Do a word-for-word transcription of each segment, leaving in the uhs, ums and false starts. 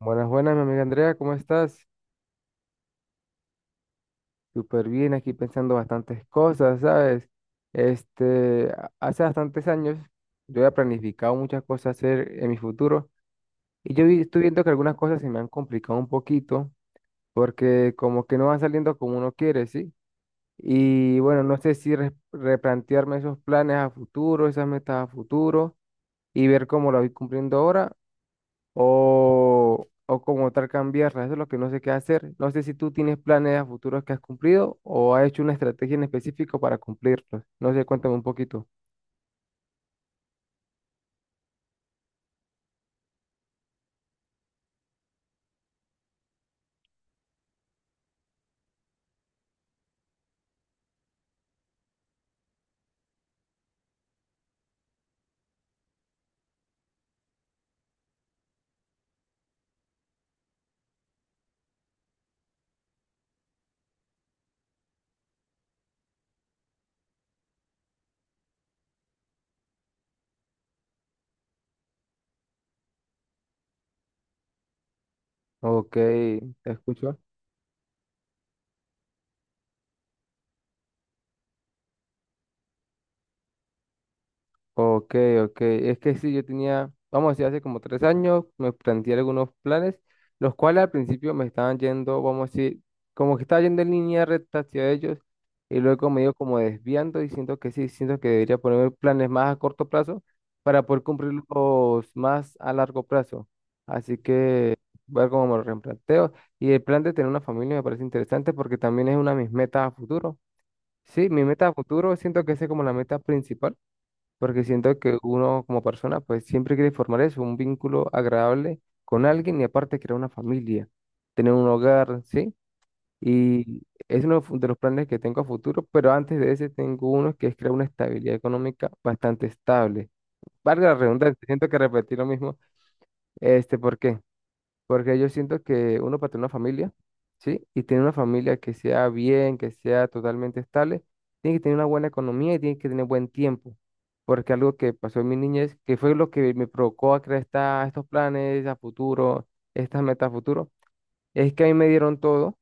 Buenas, buenas, mi amiga Andrea, ¿cómo estás? Súper bien, aquí pensando bastantes cosas, ¿sabes? Este, a- hace bastantes años yo había planificado muchas cosas hacer en mi futuro y yo vi- estoy viendo que algunas cosas se me han complicado un poquito porque como que no van saliendo como uno quiere, ¿sí? Y bueno, no sé si re- replantearme esos planes a futuro, esas metas a futuro y ver cómo lo voy cumpliendo ahora o, o como tal cambiarla. Eso es lo que no sé qué hacer. No sé si tú tienes planes a futuros que has cumplido o has hecho una estrategia en específico para cumplirlos. No sé, cuéntame un poquito. Ok, te escucho. Ok, ok. Es que sí, yo tenía, vamos a decir, hace como tres años me planteé algunos planes, los cuales al principio me estaban yendo, vamos a decir, como que estaba yendo en línea recta hacia ellos y luego me he ido como desviando y siento que sí, siento que debería ponerme planes más a corto plazo para poder cumplirlos más a largo plazo. Así que voy a ver cómo me lo replanteo. Y el plan de tener una familia me parece interesante porque también es una de mis metas a futuro. Sí, mi meta a futuro siento que esa es como la meta principal porque siento que uno como persona pues siempre quiere formar eso, un vínculo agradable con alguien y aparte crear una familia, tener un hogar, ¿sí? Y es uno fu- de los planes que tengo a futuro, pero antes de ese tengo uno que es crear una estabilidad económica bastante estable. Valga la redundancia, siento que repetí lo mismo, este, ¿por qué? Porque yo siento que uno para tener una familia, ¿sí? Y tener una familia que sea bien, que sea totalmente estable, tiene que tener una buena economía y tiene que tener buen tiempo. Porque algo que pasó en mi niñez, que fue lo que me provocó a crear esta- estos planes a futuro, estas metas a futuro, es que a mí me dieron todo,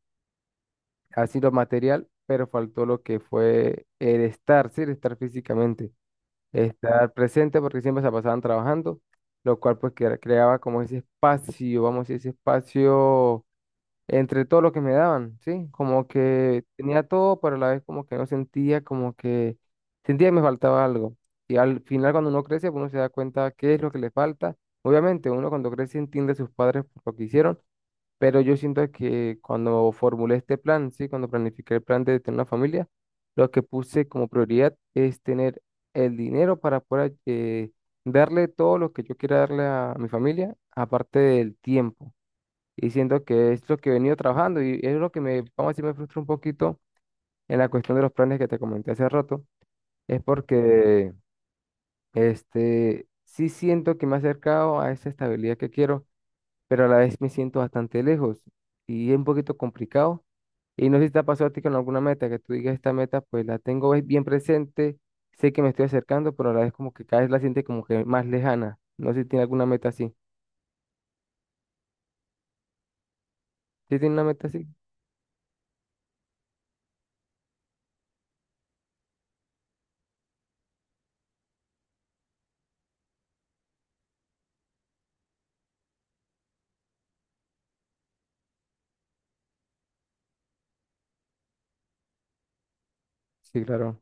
así lo material, pero faltó lo que fue el estar, ¿sí? El estar físicamente, estar presente, porque siempre se pasaban trabajando, lo cual pues cre- creaba como ese espacio, vamos a decir, ese espacio entre todo lo que me daban, ¿sí? Como que tenía todo, pero a la vez como que no sentía, como que sentía que me faltaba algo. Y al final cuando uno crece, uno se da cuenta qué es lo que le falta. Obviamente, uno cuando crece entiende a sus padres por lo que hicieron, pero yo siento que cuando formulé este plan, ¿sí? Cuando planifiqué el plan de tener una familia, lo que puse como prioridad es tener el dinero para poder eh, darle todo lo que yo quiera darle a mi familia, aparte del tiempo y siento que es lo que he venido trabajando y es lo que me, vamos a decir, me frustra un poquito en la cuestión de los planes que te comenté hace rato, es porque este, sí siento que me he acercado a esa estabilidad que quiero, pero a la vez me siento bastante lejos y es un poquito complicado. Y no sé si te ha pasado a ti con alguna meta, que tú digas esta meta, pues la tengo es bien presente, sé que me estoy acercando, pero a la vez como que cada vez la siente como que más lejana. No sé si tiene alguna meta así. ¿Sí tiene una meta así? Sí, claro.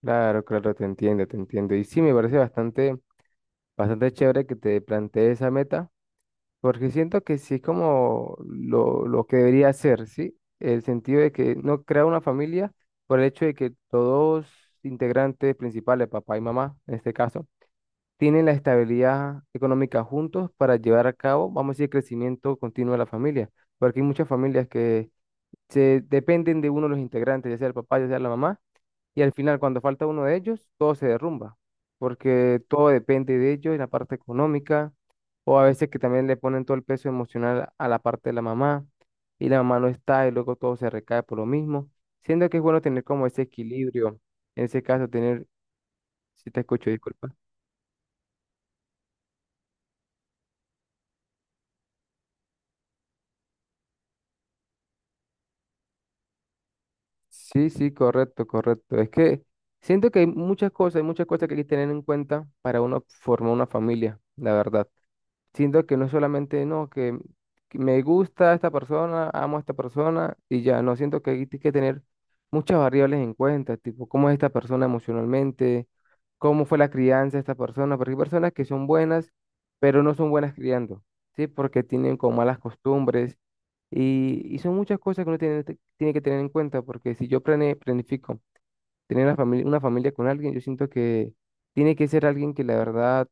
Claro, claro, te entiendo, te entiendo. Y sí, me parece bastante, bastante chévere que te plantees esa meta, porque siento que sí es como lo, lo que debería hacer, ¿sí? El sentido de que no crea una familia por el hecho de que todos integrantes principales, papá y mamá, en este caso, tienen la estabilidad económica juntos para llevar a cabo, vamos a decir, el crecimiento continuo de la familia, porque hay muchas familias que se dependen de uno de los integrantes, ya sea el papá, ya sea la mamá, y al final cuando falta uno de ellos, todo se derrumba, porque todo depende de ellos en la parte económica, o a veces que también le ponen todo el peso emocional a la parte de la mamá, y la mamá no está, y luego todo se recae por lo mismo, siendo que es bueno tener como ese equilibrio, en ese caso tener, si te escucho, disculpa. Sí, sí, correcto, correcto. Es que siento que hay muchas cosas, hay muchas cosas que hay que tener en cuenta para uno formar una familia, la verdad. Siento que no es solamente, no, que, que me gusta esta persona, amo a esta persona y ya, no, siento que hay que tener muchas variables en cuenta, tipo, cómo es esta persona emocionalmente, cómo fue la crianza de esta persona, porque hay personas que son buenas, pero no son buenas criando, ¿sí? Porque tienen como malas costumbres y, y son muchas cosas que uno tiene, te- tiene que tener en cuenta, porque si yo plane- planifico tener una familia, una familia con alguien, yo siento que tiene que ser alguien que la verdad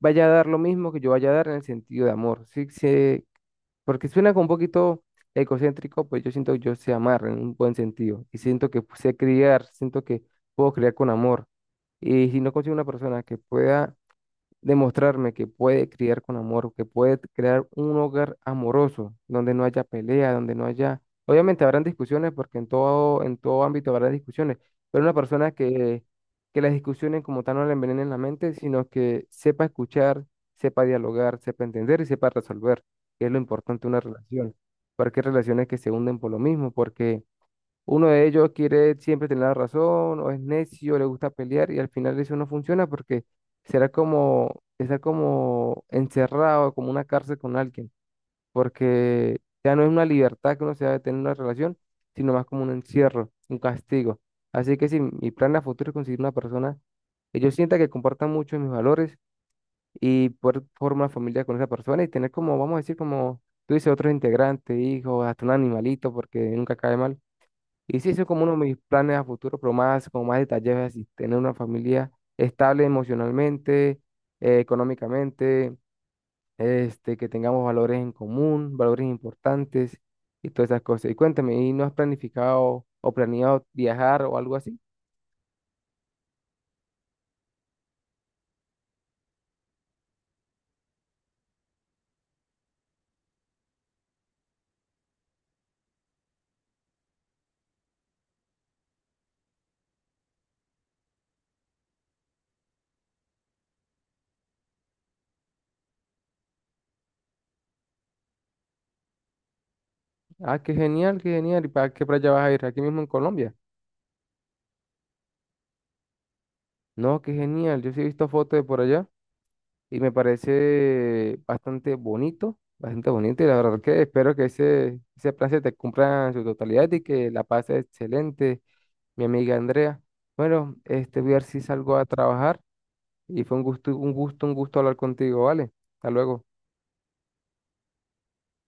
vaya a dar lo mismo que yo vaya a dar en el sentido de amor, ¿sí? Se- porque suena como un poquito egocéntrico, pues yo siento que yo sé amar en un buen sentido y siento que sé criar, siento que puedo criar con amor. Y si no consigo una persona que pueda demostrarme que puede criar con amor, que puede crear un hogar amoroso, donde no haya pelea, donde no haya... Obviamente habrán discusiones, porque en todo, en todo ámbito habrá discusiones, pero una persona que, que las discusiones como tal no le envenenen la mente, sino que sepa escuchar, sepa dialogar, sepa entender y sepa resolver, que es lo importante de una relación, porque hay relaciones que se hunden por lo mismo, porque uno de ellos quiere siempre tener la razón, o es necio, le gusta pelear, y al final eso no funciona porque será como estar como encerrado, como una cárcel con alguien, porque ya no es una libertad que uno se va a tener en una relación, sino más como un encierro, un castigo. Así que si mi plan a futuro es conseguir una persona que yo sienta que comparta mucho mis valores y poder formar una familia con esa persona y tener como, vamos a decir, como tú dices, otros integrantes, hijos, hasta un animalito, porque nunca cae mal. Y sí, eso es como uno de mis planes a futuro, pero más, como más detallados, así, tener una familia estable emocionalmente, eh, económicamente, este, que tengamos valores en común, valores importantes y todas esas cosas. Y cuéntame, ¿y no has planificado o planeado viajar o algo así? Ah, qué genial, qué genial. ¿Y para qué playa vas a ir? Aquí mismo en Colombia. No, qué genial. Yo sí he visto fotos de por allá. Y me parece bastante bonito, bastante bonito y la verdad que espero que ese, ese plan se te cumpla en su totalidad y que la pases excelente, mi amiga Andrea. Bueno, este voy a ver si salgo a trabajar y fue un gusto, un gusto, un gusto hablar contigo, ¿vale? Hasta luego.